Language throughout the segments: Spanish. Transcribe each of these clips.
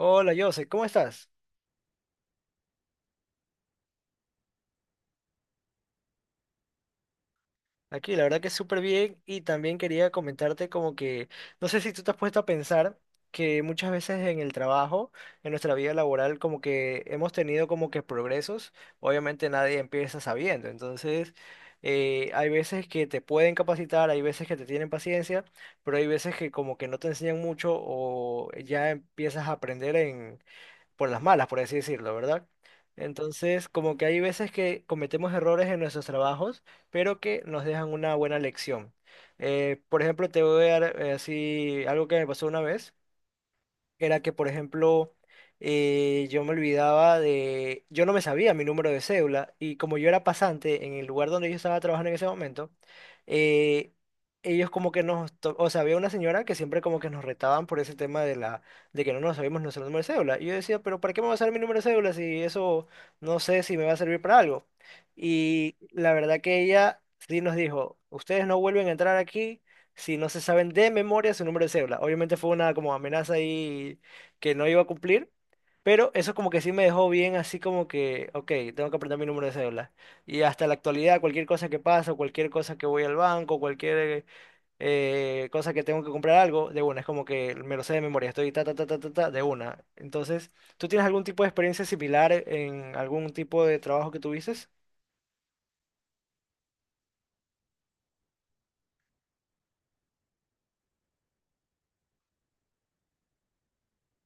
Hola, Jose, ¿cómo estás? Aquí, la verdad que súper bien y también quería comentarte como que, no sé si tú te has puesto a pensar que muchas veces en el trabajo, en nuestra vida laboral, como que hemos tenido como que progresos, obviamente nadie empieza sabiendo, entonces hay veces que te pueden capacitar, hay veces que te tienen paciencia, pero hay veces que como que no te enseñan mucho o ya empiezas a aprender por las malas, por así decirlo, ¿verdad? Entonces, como que hay veces que cometemos errores en nuestros trabajos, pero que nos dejan una buena lección. Por ejemplo, te voy a dar así algo que me pasó una vez era que, por ejemplo, yo me olvidaba de, yo no me sabía mi número de cédula y como yo era pasante en el lugar donde yo estaba trabajando en ese momento, eh, ellos como que o sea, había una señora que siempre como que nos retaban por ese tema de la, de que no nos sabíamos nuestro número de cédula. Y yo decía, pero ¿para qué me va a saber mi número de cédula si eso no sé si me va a servir para algo? Y la verdad que ella sí nos dijo, ustedes no vuelven a entrar aquí si no se saben de memoria su número de cédula. Obviamente fue una como amenaza ahí que no iba a cumplir, pero eso como que sí me dejó bien así como que, ok, tengo que aprender mi número de cédula. Y hasta la actualidad, cualquier cosa que pasa, cualquier cosa que voy al banco, cualquier cosa que tengo que comprar algo, de una, es como que me lo sé de memoria, estoy ta, ta, ta, ta, ta, ta, de una. Entonces, ¿tú tienes algún tipo de experiencia similar en algún tipo de trabajo que tuviste?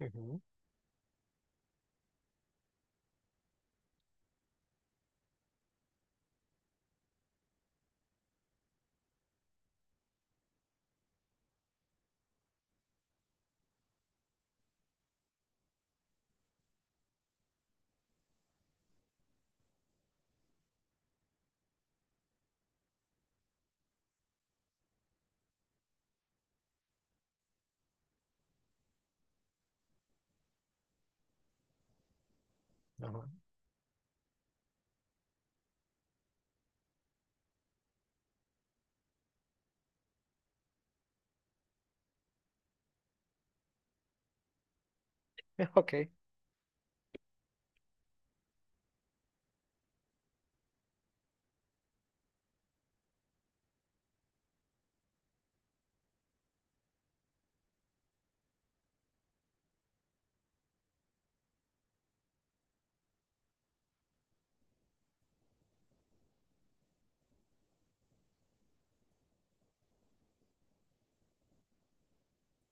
Ujú, ajá, Ok.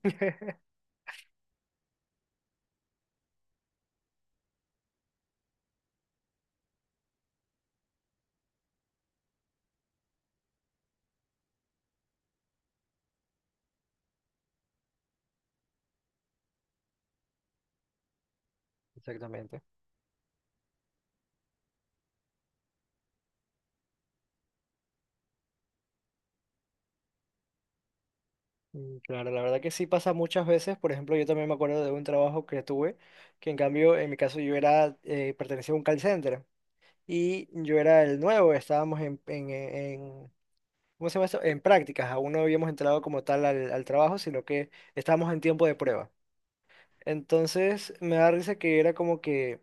Exactamente. Claro, la verdad que sí pasa muchas veces. Por ejemplo, yo también me acuerdo de un trabajo que tuve, que en cambio, en mi caso, pertenecía a un call center y yo era el nuevo, estábamos en- ¿cómo se llama esto? En prácticas, aún no habíamos entrado como tal al, al trabajo, sino que estábamos en tiempo de prueba. Entonces, me da risa que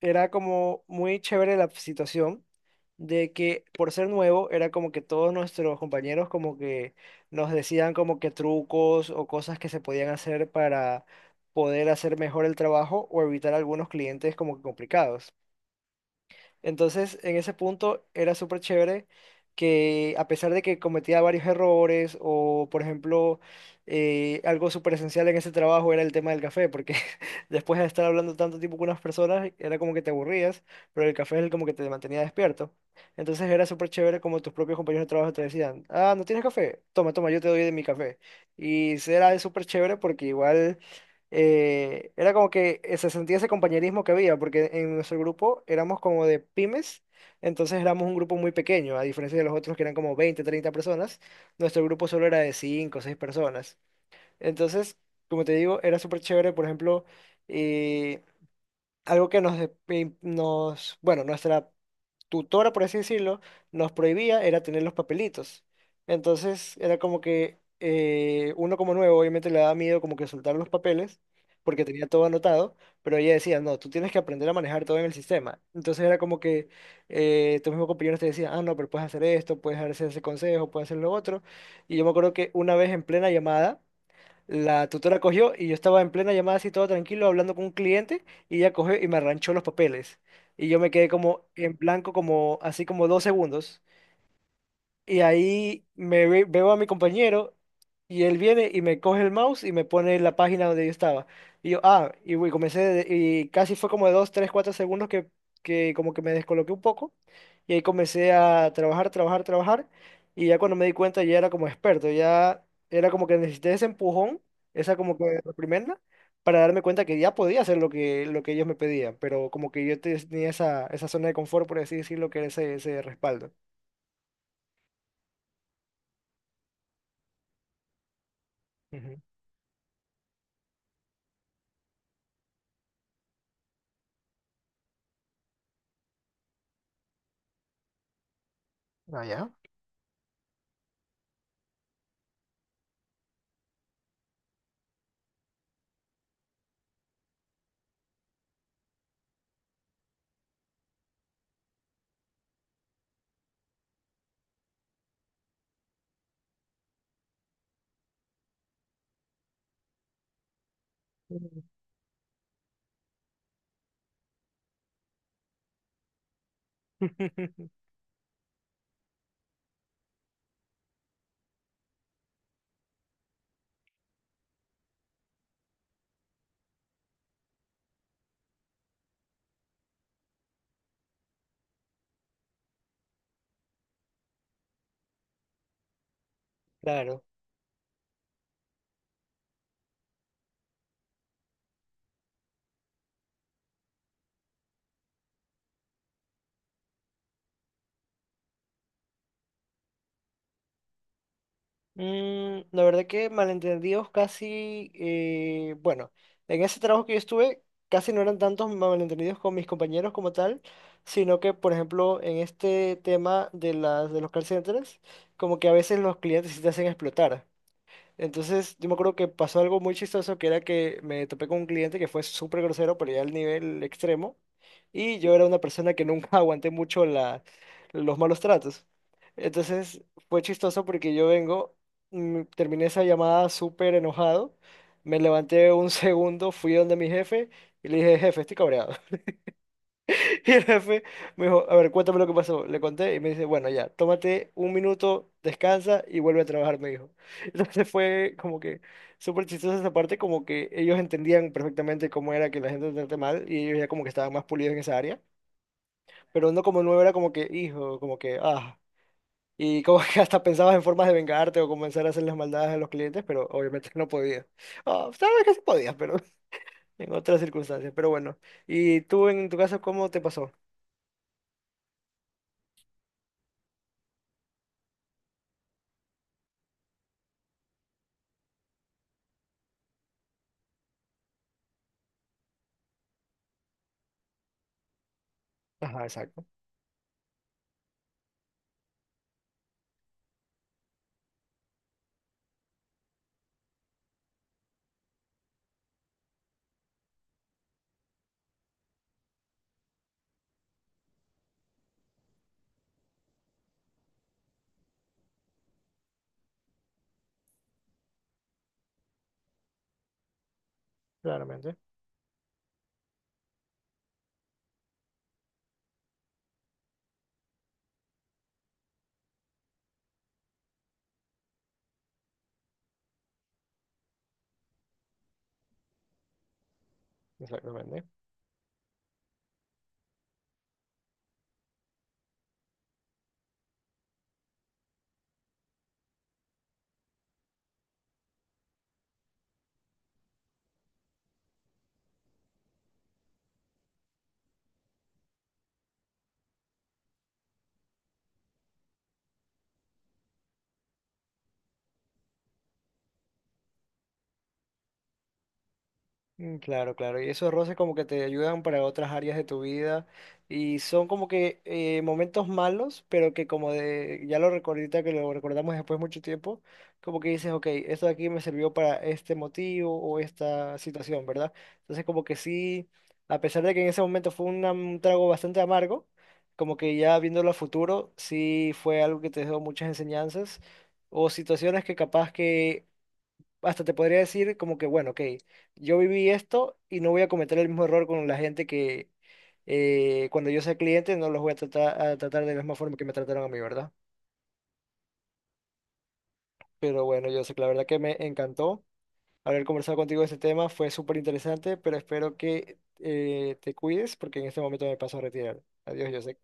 era como muy chévere la situación de que por ser nuevo era como que todos nuestros compañeros como que nos decían como que trucos o cosas que se podían hacer para poder hacer mejor el trabajo o evitar algunos clientes como que complicados. Entonces, en ese punto era súper chévere que a pesar de que cometía varios errores o, por ejemplo, algo súper esencial en ese trabajo era el tema del café, porque después de estar hablando tanto tiempo con unas personas, era como que te aburrías, pero el café es el como que te mantenía despierto. Entonces era súper chévere como tus propios compañeros de trabajo te decían, ah, ¿no tienes café? Toma, toma, yo te doy de mi café. Y era súper chévere porque igual era como que se sentía ese compañerismo que había, porque en nuestro grupo éramos como de pymes, entonces éramos un grupo muy pequeño, a diferencia de los otros que eran como 20 30 personas, nuestro grupo solo era de cinco, 6 personas. Entonces, como te digo, era súper chévere, por ejemplo, eh, algo que bueno, nuestra tutora, por así decirlo, nos prohibía era tener los papelitos. Entonces era como que uno como nuevo obviamente le daba miedo como que soltar los papeles porque tenía todo anotado, pero ella decía, no, tú tienes que aprender a manejar todo en el sistema. Entonces era como que tus mismos compañeros te decían, ah, no, pero puedes hacer esto, puedes hacer ese consejo, puedes hacer lo otro. Y yo me acuerdo que una vez en plena llamada la tutora cogió y yo estaba en plena llamada así todo tranquilo hablando con un cliente y ella cogió y me arranchó los papeles. Y yo me quedé como en blanco como así como 2 segundos. Y ahí veo a mi compañero y él viene y me coge el mouse y me pone en la página donde yo estaba. Y yo, ah, y güey, y casi fue como de 2 3 4 segundos que como que me descoloqué un poco. Y ahí comencé a trabajar, trabajar, trabajar. Y ya cuando me di cuenta ya era como experto, ya era como que necesité ese empujón, esa como que reprimenda, para darme cuenta que ya podía hacer lo que ellos me pedían. Pero como que yo tenía esa, esa zona de confort, por así decirlo, que era ese, ese respaldo. Ujú. Ah, ya. Claro. La verdad que malentendidos casi, bueno, en ese trabajo que yo estuve, casi no eran tantos malentendidos con mis compañeros como tal, sino que, por ejemplo, en este tema de las, de los call centers, como que a veces los clientes sí te hacen explotar. Entonces, yo me acuerdo que pasó algo muy chistoso, que era que me topé con un cliente que fue súper grosero, pero ya al nivel extremo, y yo era una persona que nunca aguanté mucho los malos tratos. Entonces, fue chistoso porque yo vengo, terminé esa llamada súper enojado, me levanté un segundo, fui donde mi jefe y le dije, jefe, estoy cabreado. Y el jefe me dijo, a ver, cuéntame lo que pasó. Le conté y me dice, bueno, ya, tómate un minuto, descansa y vuelve a trabajar, me dijo. Entonces fue como que súper chistosa esa parte, como que ellos entendían perfectamente cómo era que la gente te trate mal y ellos ya como que estaban más pulidos en esa área, pero uno como nuevo era como que, hijo, como que, ah, y como que hasta pensabas en formas de vengarte o comenzar a hacer las maldades a los clientes, pero obviamente no podías. Ah, sabes que sí podías, pero en otras circunstancias, pero bueno. ¿Y tú en tu caso cómo te pasó? Ajá, exacto. Claramente, exactamente. Claro, claro. Y esos roces como que te ayudan para otras áreas de tu vida y son como que momentos malos, pero que como de, ya lo recordita que lo recordamos después de mucho tiempo, como que dices, ok, esto de aquí me sirvió para este motivo o esta situación, ¿verdad? Entonces como que sí, a pesar de que en ese momento fue un trago bastante amargo, como que ya viéndolo a futuro, sí fue algo que te dejó muchas enseñanzas o situaciones que capaz que hasta te podría decir como que, bueno, ok, yo viví esto y no voy a cometer el mismo error con la gente que cuando yo sea cliente no los voy a tratar, de la misma forma que me trataron a mí, ¿verdad? Pero bueno, yo sé que la verdad que me encantó haber conversado contigo de este tema, fue súper interesante, pero espero que te cuides porque en este momento me paso a retirar. Adiós, yo